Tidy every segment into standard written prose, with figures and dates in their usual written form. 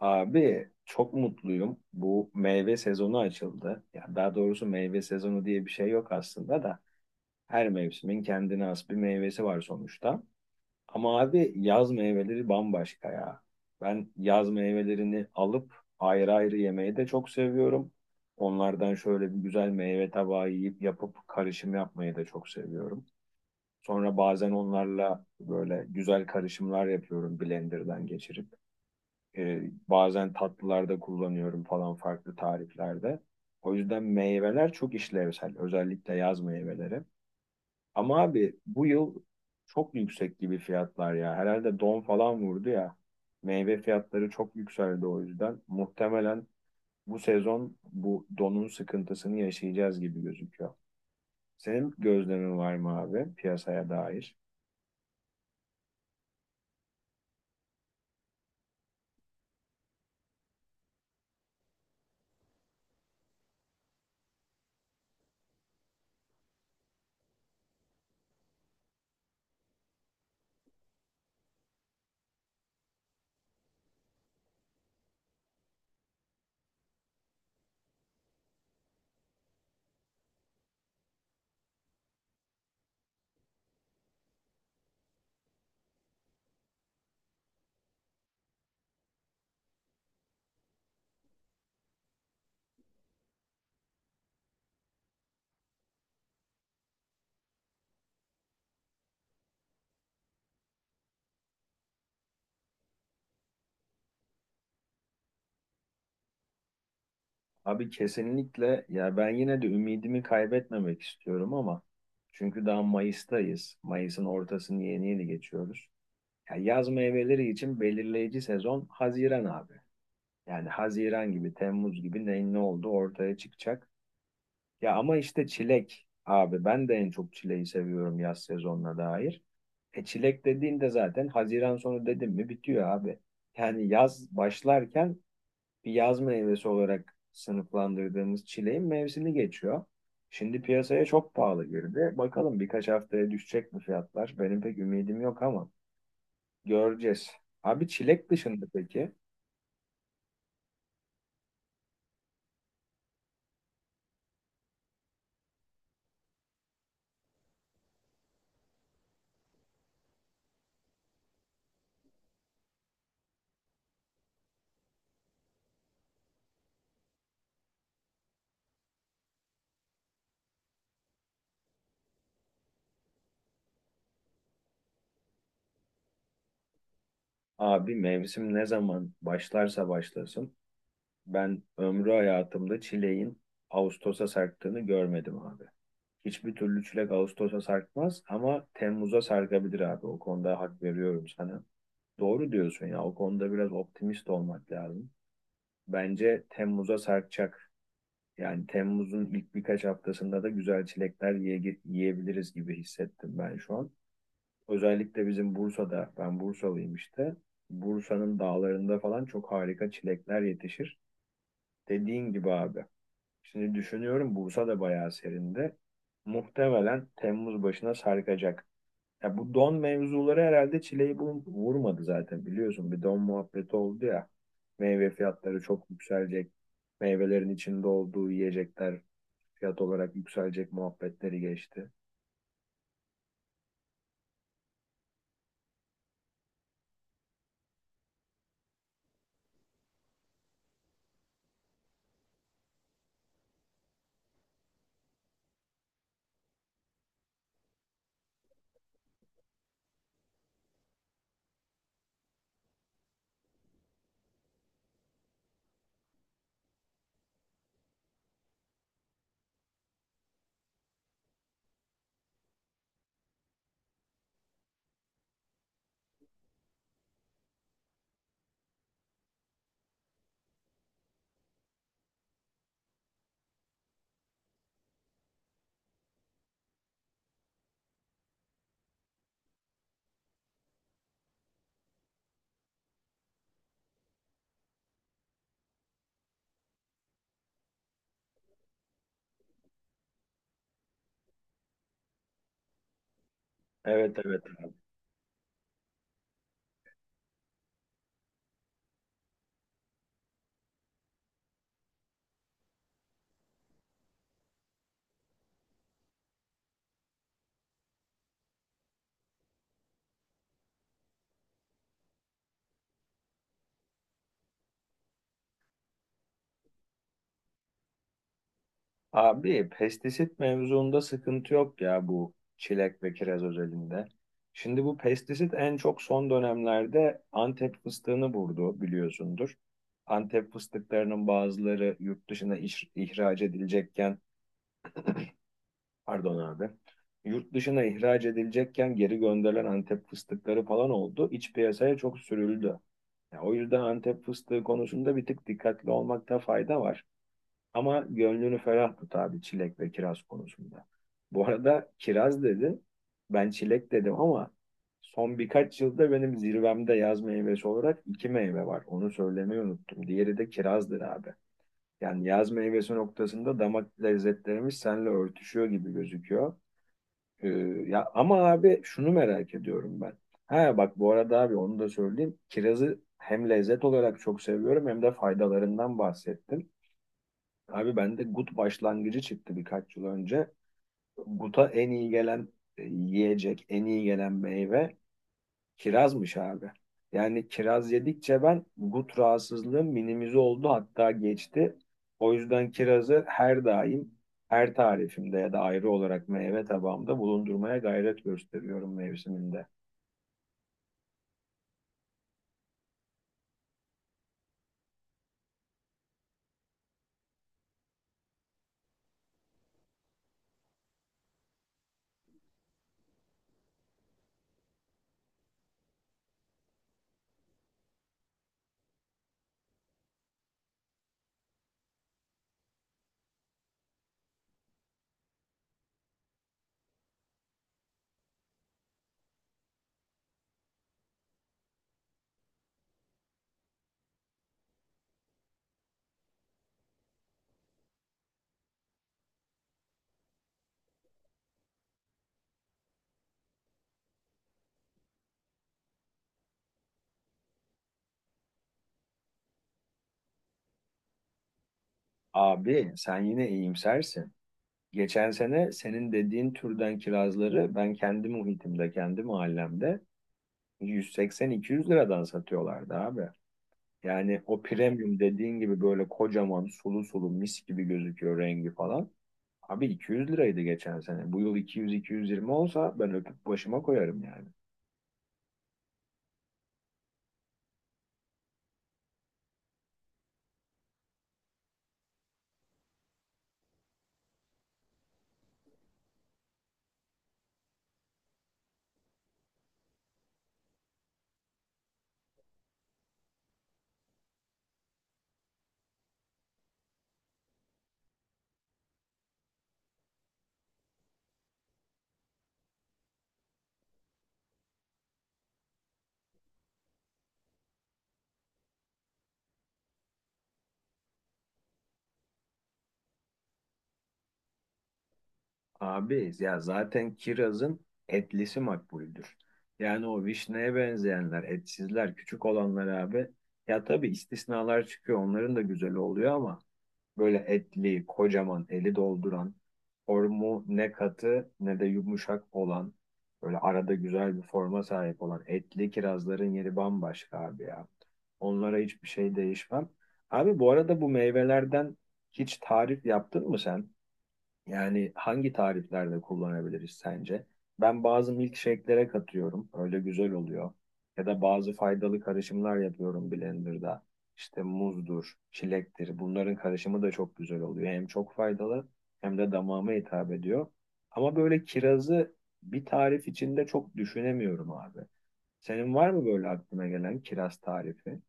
Abi çok mutluyum. Bu meyve sezonu açıldı. Ya daha doğrusu meyve sezonu diye bir şey yok aslında da her mevsimin kendine has bir meyvesi var sonuçta. Ama abi yaz meyveleri bambaşka ya. Ben yaz meyvelerini alıp ayrı ayrı yemeyi de çok seviyorum. Onlardan şöyle bir güzel meyve tabağı yiyip yapıp karışım yapmayı da çok seviyorum. Sonra bazen onlarla böyle güzel karışımlar yapıyorum blenderdan geçirip. E, Bazen tatlılarda kullanıyorum falan farklı tariflerde. O yüzden meyveler çok işlevsel. Özellikle yaz meyveleri. Ama abi bu yıl çok yüksek gibi fiyatlar ya. Herhalde don falan vurdu ya. Meyve fiyatları çok yükseldi o yüzden. Muhtemelen bu sezon bu donun sıkıntısını yaşayacağız gibi gözüküyor. Senin gözlemin var mı abi piyasaya dair? Abi kesinlikle ya ben yine de ümidimi kaybetmemek istiyorum ama çünkü daha Mayıs'tayız. Mayıs'ın ortasını yeni yeni geçiyoruz. Ya yaz meyveleri için belirleyici sezon Haziran abi. Yani Haziran gibi, Temmuz gibi neyin ne olduğu ortaya çıkacak. Ya ama işte çilek abi ben de en çok çileği seviyorum yaz sezonuna dair. E çilek dediğinde zaten Haziran sonu dedim mi bitiyor abi. Yani yaz başlarken bir yaz meyvesi olarak sınıflandırdığımız çileğin mevsimi geçiyor. Şimdi piyasaya çok pahalı girdi. Bakalım birkaç haftaya düşecek mi fiyatlar? Benim pek ümidim yok ama göreceğiz. Abi çilek dışında peki? Abi mevsim ne zaman başlarsa başlasın. Ben ömrü hayatımda çileğin Ağustos'a sarktığını görmedim abi. Hiçbir türlü çilek Ağustos'a sarkmaz ama Temmuz'a sarkabilir abi. O konuda hak veriyorum sana. Doğru diyorsun ya. O konuda biraz optimist olmak lazım. Bence Temmuz'a sarkacak. Yani Temmuz'un ilk birkaç haftasında da güzel çilekler yiyebiliriz gibi hissettim ben şu an. Özellikle bizim Bursa'da, ben Bursalıyım işte. Bursa'nın dağlarında falan çok harika çilekler yetişir. Dediğin gibi abi. Şimdi düşünüyorum Bursa da bayağı serinde. Muhtemelen Temmuz başına sarkacak. Ya bu don mevzuları herhalde çileyi vurmadı zaten biliyorsun. Bir don muhabbeti oldu ya. Meyve fiyatları çok yükselecek. Meyvelerin içinde olduğu yiyecekler fiyat olarak yükselecek muhabbetleri geçti. Evet, evet. Abi, pestisit mevzuunda sıkıntı yok ya bu çilek ve kiraz özelinde. Şimdi bu pestisit en çok son dönemlerde Antep fıstığını vurdu biliyorsundur. Antep fıstıklarının bazıları yurt dışına ihraç edilecekken pardon abi. Yurt dışına ihraç edilecekken geri gönderilen Antep fıstıkları falan oldu. İç piyasaya çok sürüldü. Ya, o yüzden Antep fıstığı konusunda bir tık dikkatli olmakta fayda var. Ama gönlünü ferah tut abi çilek ve kiraz konusunda. Bu arada kiraz dedi, ben çilek dedim ama son birkaç yılda benim zirvemde yaz meyvesi olarak iki meyve var. Onu söylemeyi unuttum. Diğeri de kirazdır abi. Yani yaz meyvesi noktasında damak lezzetlerimiz seninle örtüşüyor gibi gözüküyor. Ee, Ya ama abi şunu merak ediyorum ben. Ha bak bu arada abi onu da söyleyeyim. Kirazı hem lezzet olarak çok seviyorum hem de faydalarından bahsettim. Abi bende gut başlangıcı çıktı birkaç yıl önce. Guta en iyi gelen yiyecek, en iyi gelen meyve kirazmış abi. Yani kiraz yedikçe ben gut rahatsızlığım minimize oldu hatta geçti. O yüzden kirazı her daim her tarifimde ya da ayrı olarak meyve tabağımda bulundurmaya gayret gösteriyorum mevsiminde. Abi sen yine iyimsersin. Geçen sene senin dediğin türden kirazları ben kendi muhitimde, kendi mahallemde 180-200 liradan satıyorlardı abi. Yani o premium dediğin gibi böyle kocaman sulu sulu mis gibi gözüküyor rengi falan. Abi 200 liraydı geçen sene. Bu yıl 200-220 olsa ben öpüp başıma koyarım yani. Abi ya zaten kirazın etlisi makbuldür. Yani o vişneye benzeyenler, etsizler, küçük olanlar abi. Ya tabii istisnalar çıkıyor. Onların da güzeli oluyor ama böyle etli, kocaman, eli dolduran, formu ne katı ne de yumuşak olan, böyle arada güzel bir forma sahip olan etli kirazların yeri bambaşka abi ya. Onlara hiçbir şey değişmem. Abi bu arada bu meyvelerden hiç tarif yaptın mı sen? Yani hangi tariflerde kullanabiliriz sence? Ben bazı milkshake'lere katıyorum. Öyle güzel oluyor. Ya da bazı faydalı karışımlar yapıyorum blenderda. İşte muzdur, çilektir. Bunların karışımı da çok güzel oluyor. Hem çok faydalı hem de damağıma hitap ediyor. Ama böyle kirazı bir tarif içinde çok düşünemiyorum abi. Senin var mı böyle aklına gelen kiraz tarifi?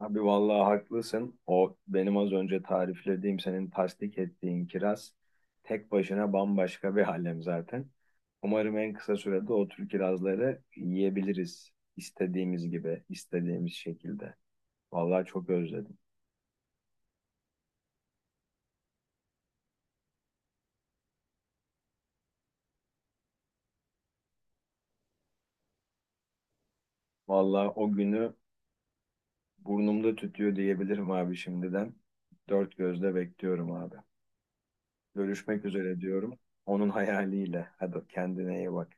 Abi vallahi haklısın. O benim az önce tariflediğim, senin tasdik ettiğin kiraz tek başına bambaşka bir alem zaten. Umarım en kısa sürede o tür kirazları yiyebiliriz istediğimiz gibi, istediğimiz şekilde. Vallahi çok özledim. Vallahi o günü burnumda tütüyor diyebilirim abi şimdiden. Dört gözle bekliyorum abi. Görüşmek üzere diyorum. Onun hayaliyle. Hadi kendine iyi bak.